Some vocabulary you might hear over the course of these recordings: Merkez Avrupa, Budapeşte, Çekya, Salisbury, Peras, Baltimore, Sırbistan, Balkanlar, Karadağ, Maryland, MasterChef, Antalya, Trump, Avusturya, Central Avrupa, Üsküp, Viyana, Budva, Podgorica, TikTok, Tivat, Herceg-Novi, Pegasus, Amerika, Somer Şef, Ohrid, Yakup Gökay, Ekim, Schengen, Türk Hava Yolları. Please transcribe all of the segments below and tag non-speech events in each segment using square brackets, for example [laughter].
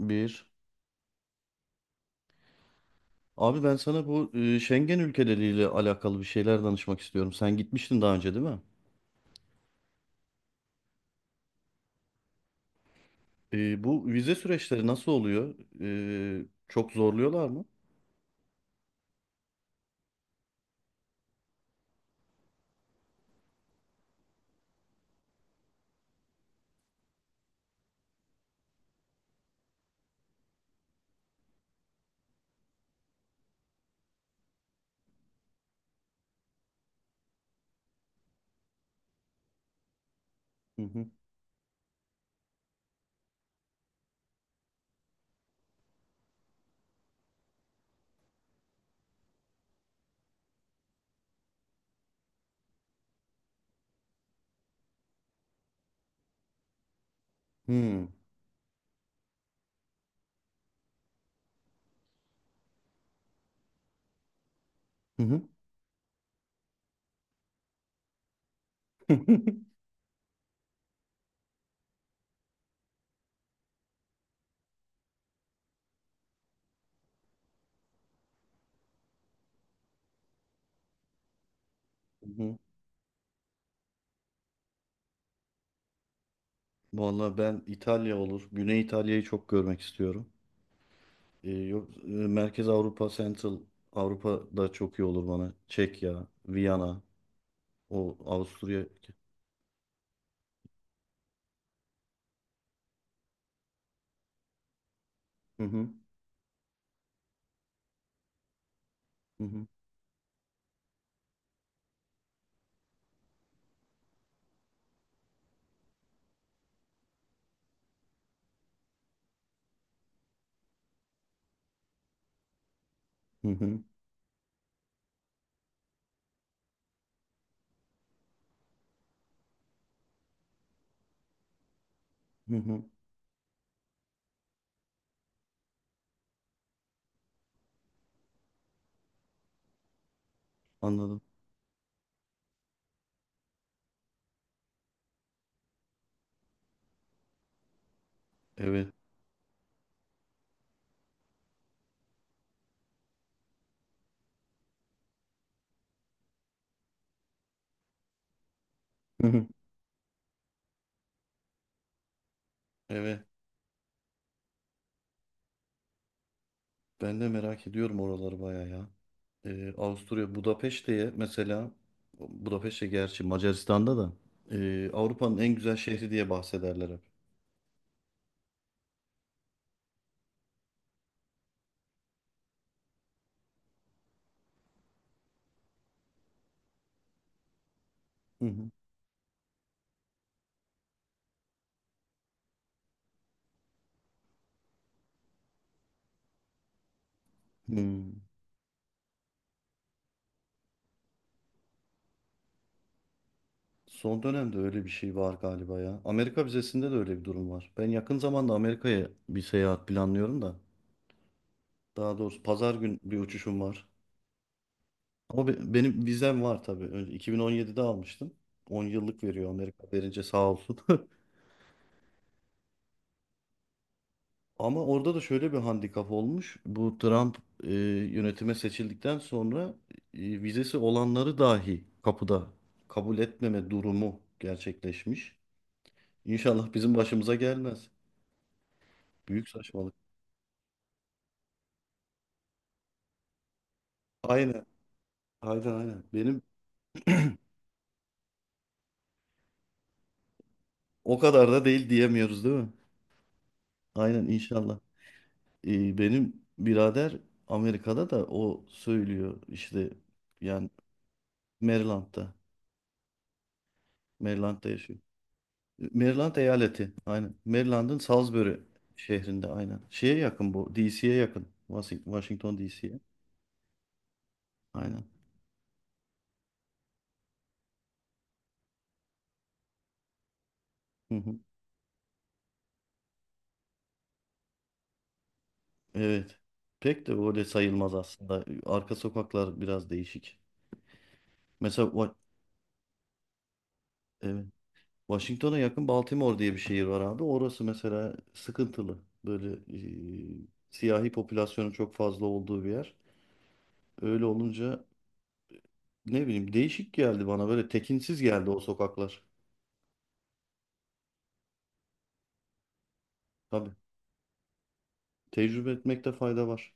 Bir. Abi ben sana bu Schengen ülkeleriyle alakalı bir şeyler danışmak istiyorum. Sen gitmiştin daha önce değil mi? Bu vize süreçleri nasıl oluyor? Çok zorluyorlar mı? Hı hı. Hmm. Hı hı. [laughs] Hı hı. Vallahi ben İtalya olur. Güney İtalya'yı çok görmek istiyorum. Yok, Merkez Avrupa, Central Avrupa da çok iyi olur bana. Çekya, Viyana, o Avusturya. Hı hı. Hı hı. Hı hı. Hı hı. Anladım. Evet. Hı hı. Evet. Ben de merak ediyorum oraları bayağı ya. Avusturya Budapeşte'ye mesela, Budapeşte gerçi Macaristan'da da, Avrupa'nın en güzel şehri diye bahsederler hep. Hı hı. Hmm. Son dönemde öyle bir şey var galiba ya. Amerika vizesinde de öyle bir durum var. Ben yakın zamanda Amerika'ya bir seyahat planlıyorum da. Daha doğrusu pazar gün bir uçuşum var. Ama benim vizem var tabii. Önce 2017'de almıştım. 10 yıllık veriyor Amerika verince sağ olsun. [laughs] Ama orada da şöyle bir handikap olmuş. Bu Trump e, yönetime seçildikten sonra vizesi olanları dahi kapıda kabul etmeme durumu gerçekleşmiş. İnşallah bizim başımıza gelmez. Büyük saçmalık. Aynen, aynen, aynen. Benim o kadar da değil diyemiyoruz değil mi? Aynen inşallah. Benim birader Amerika'da da o söylüyor işte yani Maryland'da. Maryland'da yaşıyor. Maryland eyaleti. Aynen. Maryland'ın Salisbury şehrinde aynen. Şeye yakın bu. DC'ye yakın. Washington DC'ye. Aynen. Hı hı. Evet. Pek de öyle sayılmaz aslında. Arka sokaklar biraz değişik. Mesela, evet. Washington'a yakın Baltimore diye bir şehir var abi. Orası mesela sıkıntılı. Böyle siyahi popülasyonun çok fazla olduğu bir yer. Öyle olunca ne bileyim değişik geldi bana. Böyle tekinsiz geldi o sokaklar. Tabii. Tecrübe etmekte fayda var.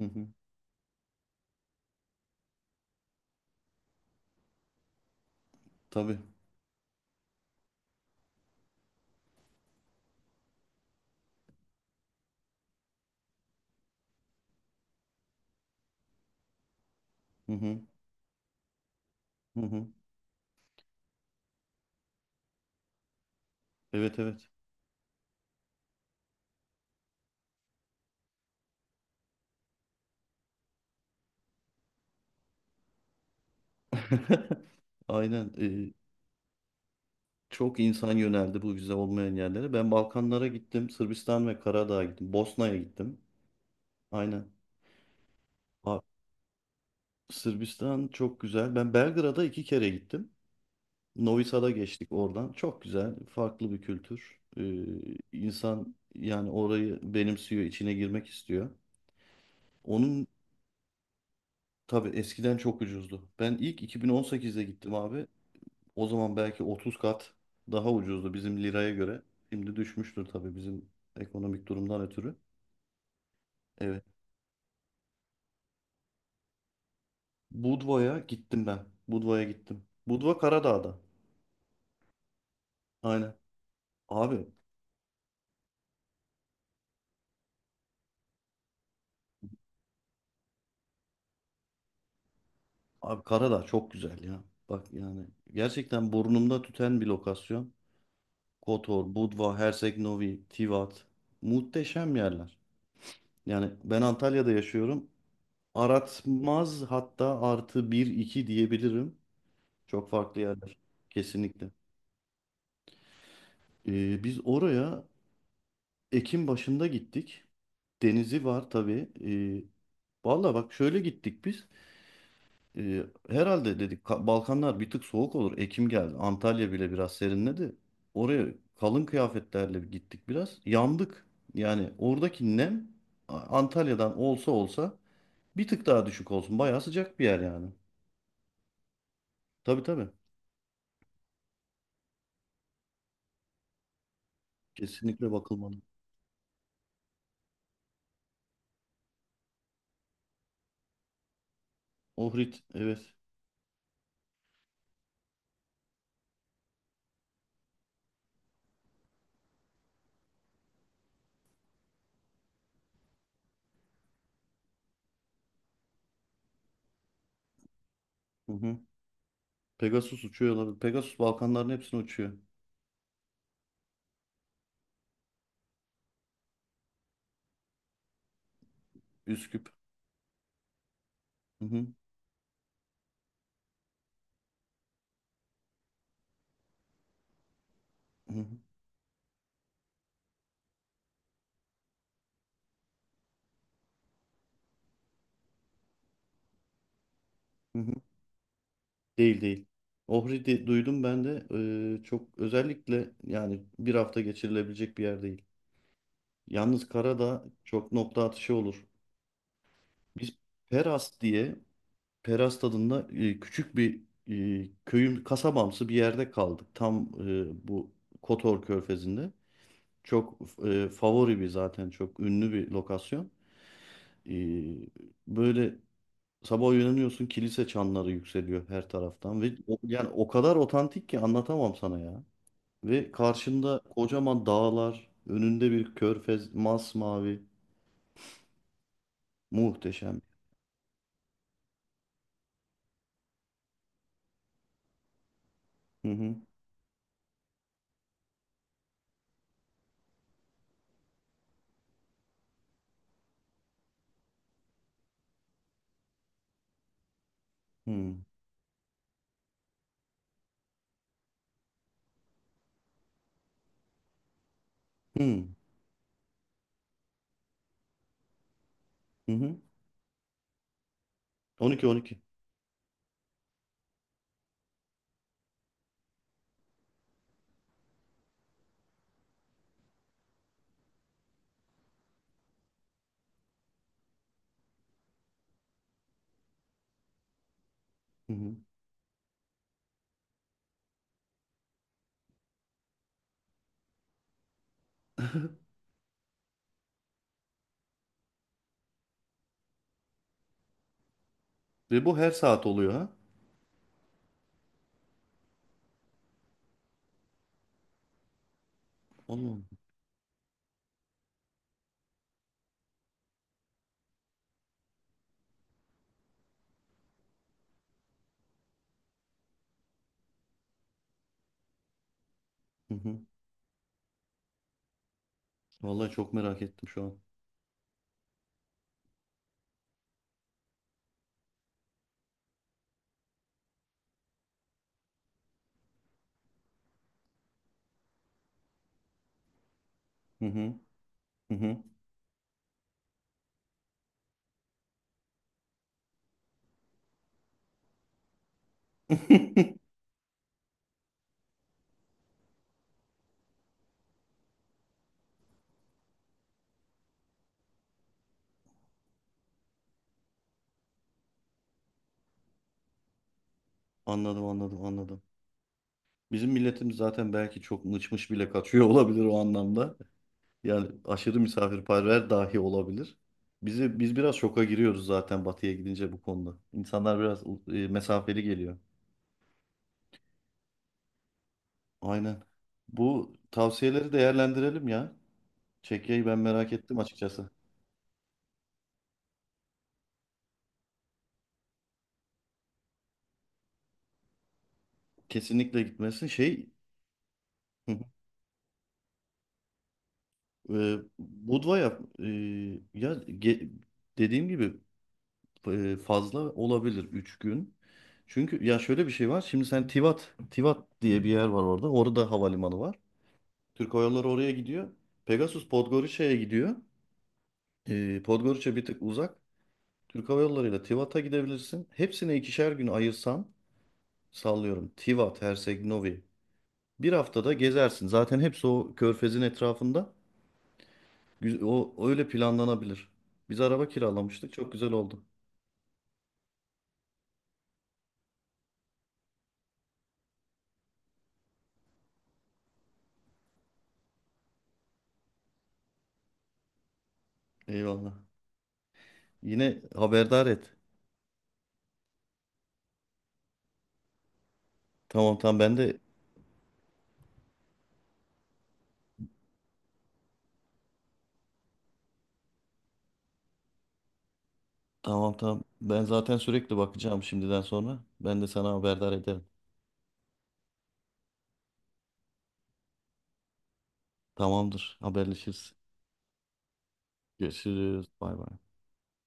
Hı hı. Tabii. Hı hı. Hı hı. Evet evet. [laughs] Aynen. Çok insan yöneldi bu vize olmayan yerlere. Ben Balkanlara gittim. Sırbistan ve Karadağ'a gittim. Bosna'ya gittim. Aynen. Aa, Sırbistan çok güzel. Ben Belgrad'a iki kere gittim. Novi Sad'a geçtik oradan. Çok güzel. Farklı bir kültür. İnsan yani orayı benimsiyor, içine girmek istiyor. Onun tabii eskiden çok ucuzdu. Ben ilk 2018'de gittim abi. O zaman belki 30 kat daha ucuzdu bizim liraya göre. Şimdi düşmüştür tabii bizim ekonomik durumdan ötürü. Evet. Budva'ya gittim ben. Budva'ya gittim. Budva Karadağ'da. Aynen. Abi, abi Karadağ çok güzel ya. Bak yani gerçekten burnumda tüten bir lokasyon. Kotor, Budva, Herceg-Novi, Tivat. Muhteşem yerler. Yani ben Antalya'da yaşıyorum. Aratmaz hatta artı bir iki diyebilirim. Çok farklı yerler. Kesinlikle. Biz oraya Ekim başında gittik. Denizi var tabii. Valla bak şöyle gittik biz. Herhalde dedik, Balkanlar bir tık soğuk olur. Ekim geldi. Antalya bile biraz serinledi. Oraya kalın kıyafetlerle gittik biraz. Yandık. Yani oradaki nem Antalya'dan olsa olsa bir tık daha düşük olsun. Bayağı sıcak bir yer yani. Tabii tabii. Kesinlikle bakılmalı. Ohrid evet. Hı hı. Pegasus uçuyor olabilir. Pegasus Balkanların hepsini uçuyor. Üsküp. Hı hı, hı hı. Değil değil. Ohri duydum ben de. Çok özellikle yani bir hafta geçirilebilecek bir yer değil. Yalnız Karadağ çok nokta atışı olur. Biz Peras diye Peras tadında küçük bir köyün kasabamsı bir yerde kaldık. Tam bu Kotor Körfezi'nde. Çok favori bir zaten çok ünlü bir lokasyon. E, böyle sabah uyanıyorsun, kilise çanları yükseliyor her taraftan ve yani o kadar otantik ki anlatamam sana ya. Ve karşında kocaman dağlar, önünde bir körfez masmavi, muhteşem. Hı hı. Hı hı. Hı hı. 12 12. Hı hı. [laughs] Ve bu her saat oluyor ha. Allah'ım. Hı hı. Vallahi çok merak ettim şu an. Hı hı. Hı hı. [laughs] Anladım anladım anladım. Bizim milletimiz zaten belki çok mıçmış bile kaçıyor [laughs] olabilir o anlamda. Yani aşırı misafirperver dahi olabilir. Biz biraz şoka giriyoruz zaten batıya gidince bu konuda. İnsanlar biraz mesafeli geliyor. Aynen. Bu tavsiyeleri değerlendirelim ya. Çekya'yı ben merak ettim açıkçası. Kesinlikle gitmesin. Şey. [laughs] Budva'ya, ya, dediğim gibi, fazla olabilir 3 gün. Çünkü ya şöyle bir şey var. Şimdi sen Tivat diye bir yer var orada. Orada havalimanı var. Türk Hava Yolları oraya gidiyor. Pegasus Podgorica'ya gidiyor. Podgorica bir tık uzak. Türk Hava Yolları ile Tivat'a gidebilirsin. Hepsine ikişer gün ayırsan sallıyorum. Tivat, Herceg Novi. Bir haftada gezersin. Zaten hepsi o körfezin etrafında. O öyle planlanabilir. Biz araba kiralamıştık. Çok güzel oldu. Eyvallah. Yine haberdar et. Tamam tamam ben de tamam tamam. Ben zaten sürekli bakacağım şimdiden sonra. Ben de sana haberdar ederim. Tamamdır. Haberleşiriz. Görüşürüz. Bay bay.